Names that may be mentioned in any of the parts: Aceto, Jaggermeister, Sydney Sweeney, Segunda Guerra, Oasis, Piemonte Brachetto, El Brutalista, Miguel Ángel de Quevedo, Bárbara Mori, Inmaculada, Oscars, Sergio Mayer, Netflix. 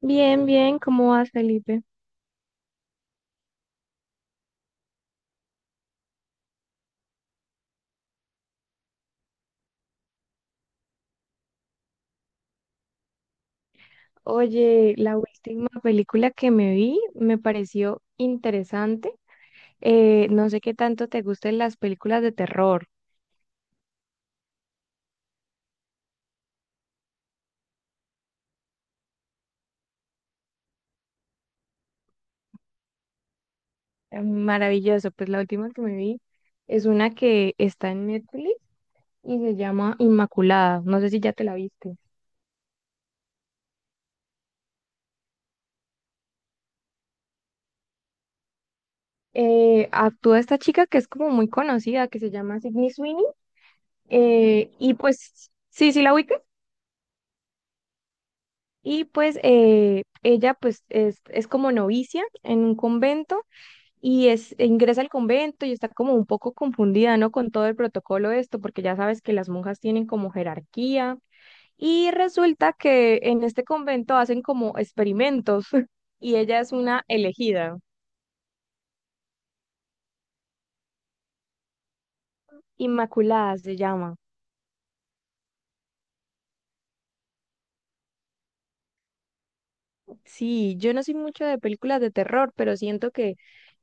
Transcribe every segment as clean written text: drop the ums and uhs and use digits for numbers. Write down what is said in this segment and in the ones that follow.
Bien, bien, ¿cómo vas, Felipe? Oye, la última película que me vi me pareció interesante. No sé qué tanto te gusten las películas de terror. Maravilloso, pues la última que me vi es una que está en Netflix y se llama Inmaculada. No sé si ya te la viste. Actúa esta chica que es como muy conocida, que se llama Sydney Sweeney. Y pues, sí, sí la ubicas. Y pues ella pues es como novicia en un convento y e ingresa al convento y está como un poco confundida, ¿no? Con todo el protocolo de esto, porque ya sabes que las monjas tienen como jerarquía y resulta que en este convento hacen como experimentos y ella es una elegida, Inmaculada se llama. Sí, yo no soy mucho de películas de terror, pero siento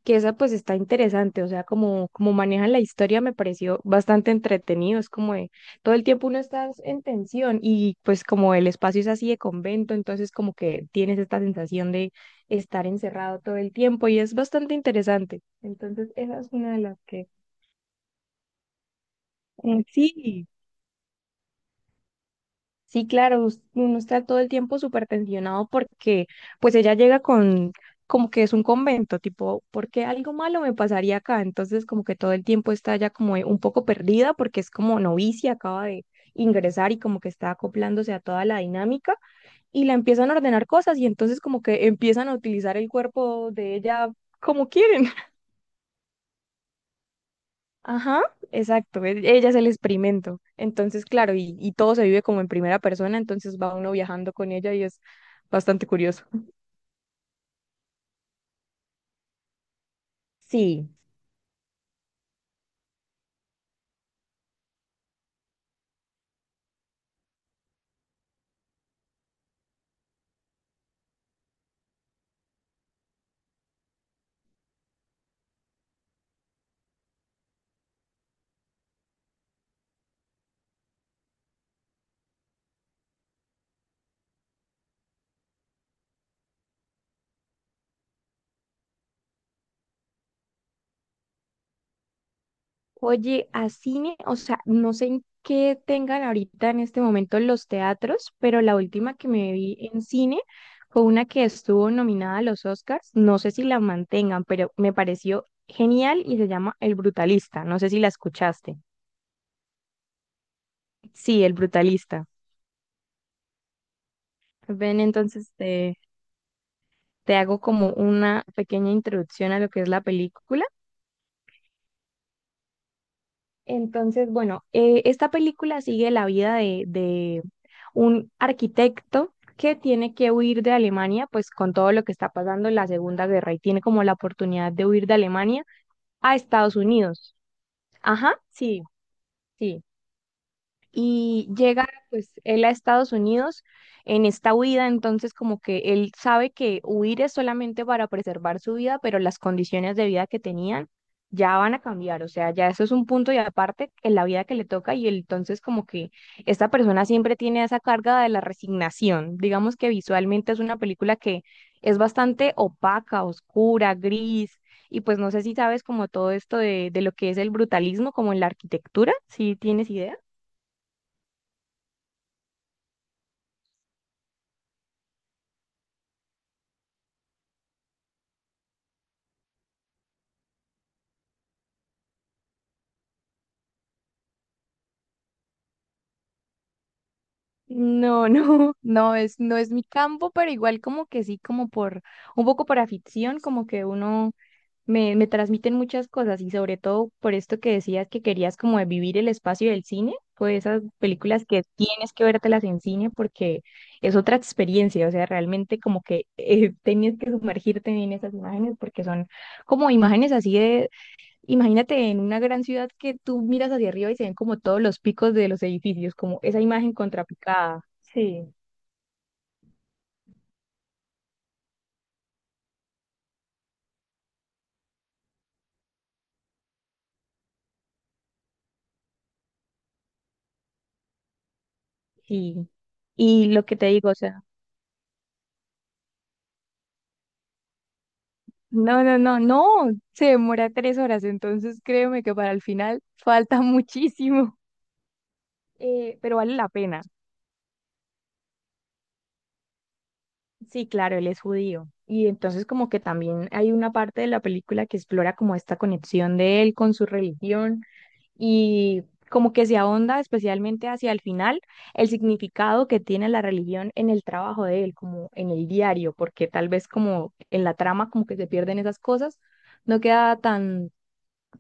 que esa pues está interesante, o sea, como, como manejan la historia me pareció bastante entretenido, es como de, todo el tiempo uno está en tensión y pues como el espacio es así de convento, entonces como que tienes esta sensación de estar encerrado todo el tiempo y es bastante interesante. Entonces, esa es una de las que... Mm, sí. Sí, claro, uno está todo el tiempo súper tensionado porque pues ella llega con como que es un convento, tipo, ¿por qué algo malo me pasaría acá? Entonces como que todo el tiempo está ya como un poco perdida porque es como novicia, acaba de ingresar y como que está acoplándose a toda la dinámica y la empiezan a ordenar cosas y entonces como que empiezan a utilizar el cuerpo de ella como quieren. Ajá, exacto, ella es el experimento. Entonces, claro, y todo se vive como en primera persona, entonces va uno viajando con ella y es bastante curioso. Oye, a cine, o sea, no sé en qué tengan ahorita en este momento los teatros, pero la última que me vi en cine fue una que estuvo nominada a los Oscars, no sé si la mantengan, pero me pareció genial y se llama El Brutalista, no sé si la escuchaste. Sí, El Brutalista. Ven, entonces, te hago como una pequeña introducción a lo que es la película. Entonces, bueno, esta película sigue la vida de un arquitecto que tiene que huir de Alemania, pues con todo lo que está pasando en la Segunda Guerra y tiene como la oportunidad de huir de Alemania a Estados Unidos. Ajá, sí, sí. Y llega pues él a Estados Unidos en esta huida, entonces como que él sabe que huir es solamente para preservar su vida, pero las condiciones de vida que tenían ya van a cambiar, o sea, ya eso es un punto y aparte en la vida que le toca y él, entonces como que esta persona siempre tiene esa carga de la resignación, digamos que visualmente es una película que es bastante opaca, oscura, gris. Y pues no sé si sabes como todo esto de lo que es el brutalismo, como en la arquitectura, si tienes idea. No, no, no no es mi campo, pero igual como que sí, como un poco por afición, como que uno me transmiten muchas cosas y sobre todo por esto que decías que querías como de vivir el espacio del cine, pues esas películas que tienes que vértelas en cine porque es otra experiencia, o sea, realmente como que tenías que sumergirte en esas imágenes porque son como imágenes así de, imagínate en una gran ciudad que tú miras hacia arriba y se ven como todos los picos de los edificios, como esa imagen contrapicada. Sí. Y lo que te digo, o sea, no, no, no, no, se demora tres horas, entonces créeme que para el final falta muchísimo, pero vale la pena. Sí, claro, él es judío. Y entonces como que también hay una parte de la película que explora como esta conexión de él con su religión y como que se ahonda especialmente hacia el final el significado que tiene la religión en el trabajo de él, como en el diario, porque tal vez como en la trama como que se pierden esas cosas, no queda tan,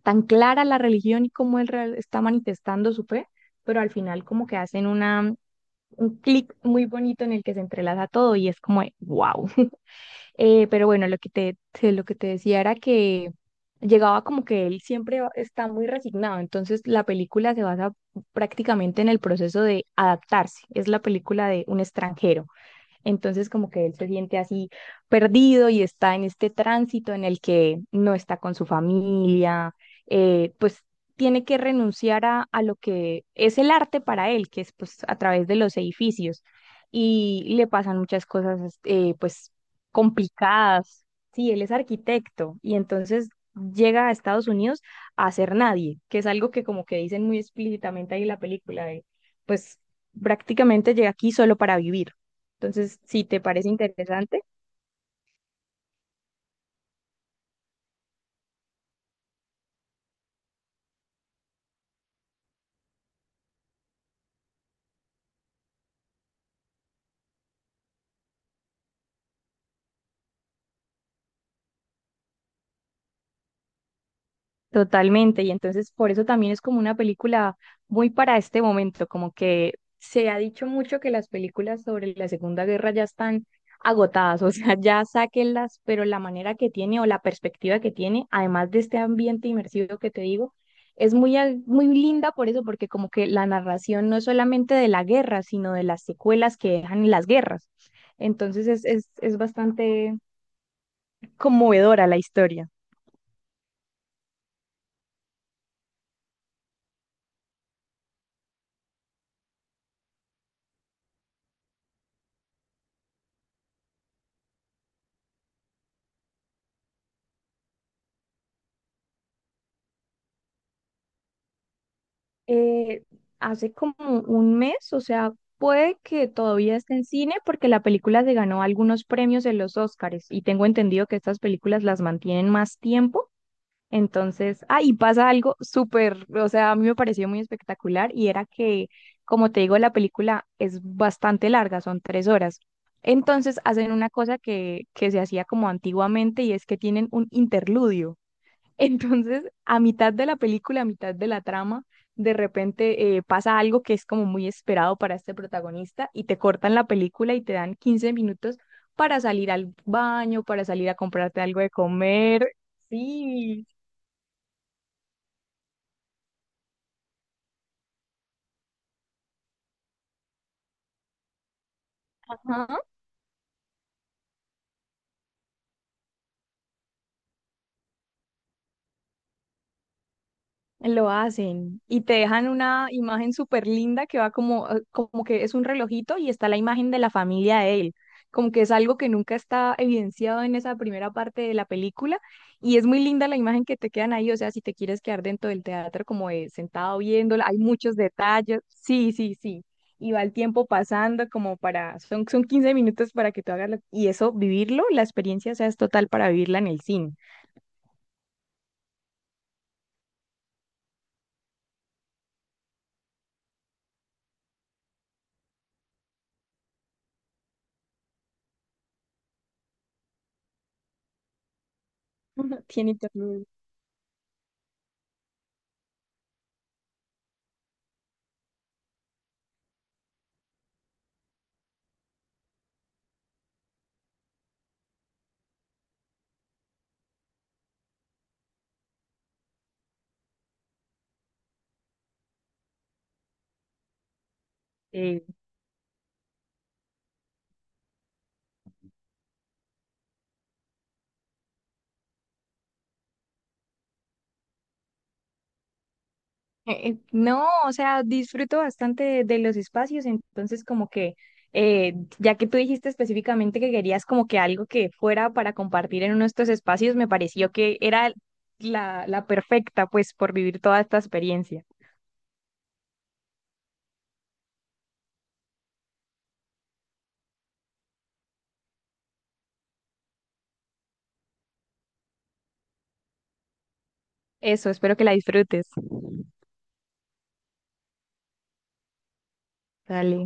tan clara la religión y cómo él está manifestando su fe, pero al final como que hacen una, un clic muy bonito en el que se entrelaza todo y es como, wow. Pero bueno, lo que lo que te decía era que llegaba como que él siempre está muy resignado, entonces la película se basa prácticamente en el proceso de adaptarse, es la película de un extranjero. Entonces como que él se siente así perdido y está en este tránsito en el que no está con su familia, pues tiene que renunciar a lo que es el arte para él, que es pues a través de los edificios. Y le pasan muchas cosas pues complicadas. Sí, él es arquitecto y entonces llega a Estados Unidos a ser nadie, que es algo que como que dicen muy explícitamente ahí en la película, de, pues prácticamente llega aquí solo para vivir. Entonces, si te parece interesante, totalmente. Y entonces, por eso también es como una película muy para este momento, como que se ha dicho mucho que las películas sobre la Segunda Guerra ya están agotadas, o sea, ya sáquenlas, pero la manera que tiene o la perspectiva que tiene, además de este ambiente inmersivo que te digo, es muy, muy linda por eso, porque como que la narración no es solamente de la guerra, sino de las secuelas que dejan las guerras. Entonces, es bastante conmovedora la historia. eh, Hace como un mes, o sea, puede que todavía esté en cine porque la película se ganó algunos premios en los Oscars y tengo entendido que estas películas las mantienen más tiempo. Entonces, ah, y pasa algo súper, o sea, a mí me pareció muy espectacular y era que, como te digo, la película es bastante larga, son 3 horas. Entonces hacen una cosa que se hacía como antiguamente y es que tienen un interludio. Entonces, a mitad de la película, a mitad de la trama, de repente pasa algo que es como muy esperado para este protagonista y te cortan la película y te dan 15 minutos para salir al baño, para salir a comprarte algo de comer. Sí. Lo hacen y te dejan una imagen súper linda que va como, como que es un relojito y está la imagen de la familia de él, como que es algo que nunca está evidenciado en esa primera parte de la película y es muy linda la imagen que te quedan ahí, o sea, si te quieres quedar dentro del teatro como de sentado viéndola, hay muchos detalles, sí, sí, sí, y va el tiempo pasando como para, son 15 minutos para que tú hagas y eso, vivirlo, la experiencia, o sea, es total para vivirla en el cine, tiene todo. No, o sea, disfruto bastante de los espacios, entonces como que, ya que tú dijiste específicamente que querías como que algo que fuera para compartir en uno de estos espacios, me pareció que era la perfecta, pues, por vivir toda esta experiencia. Eso, espero que la disfrutes. Dale.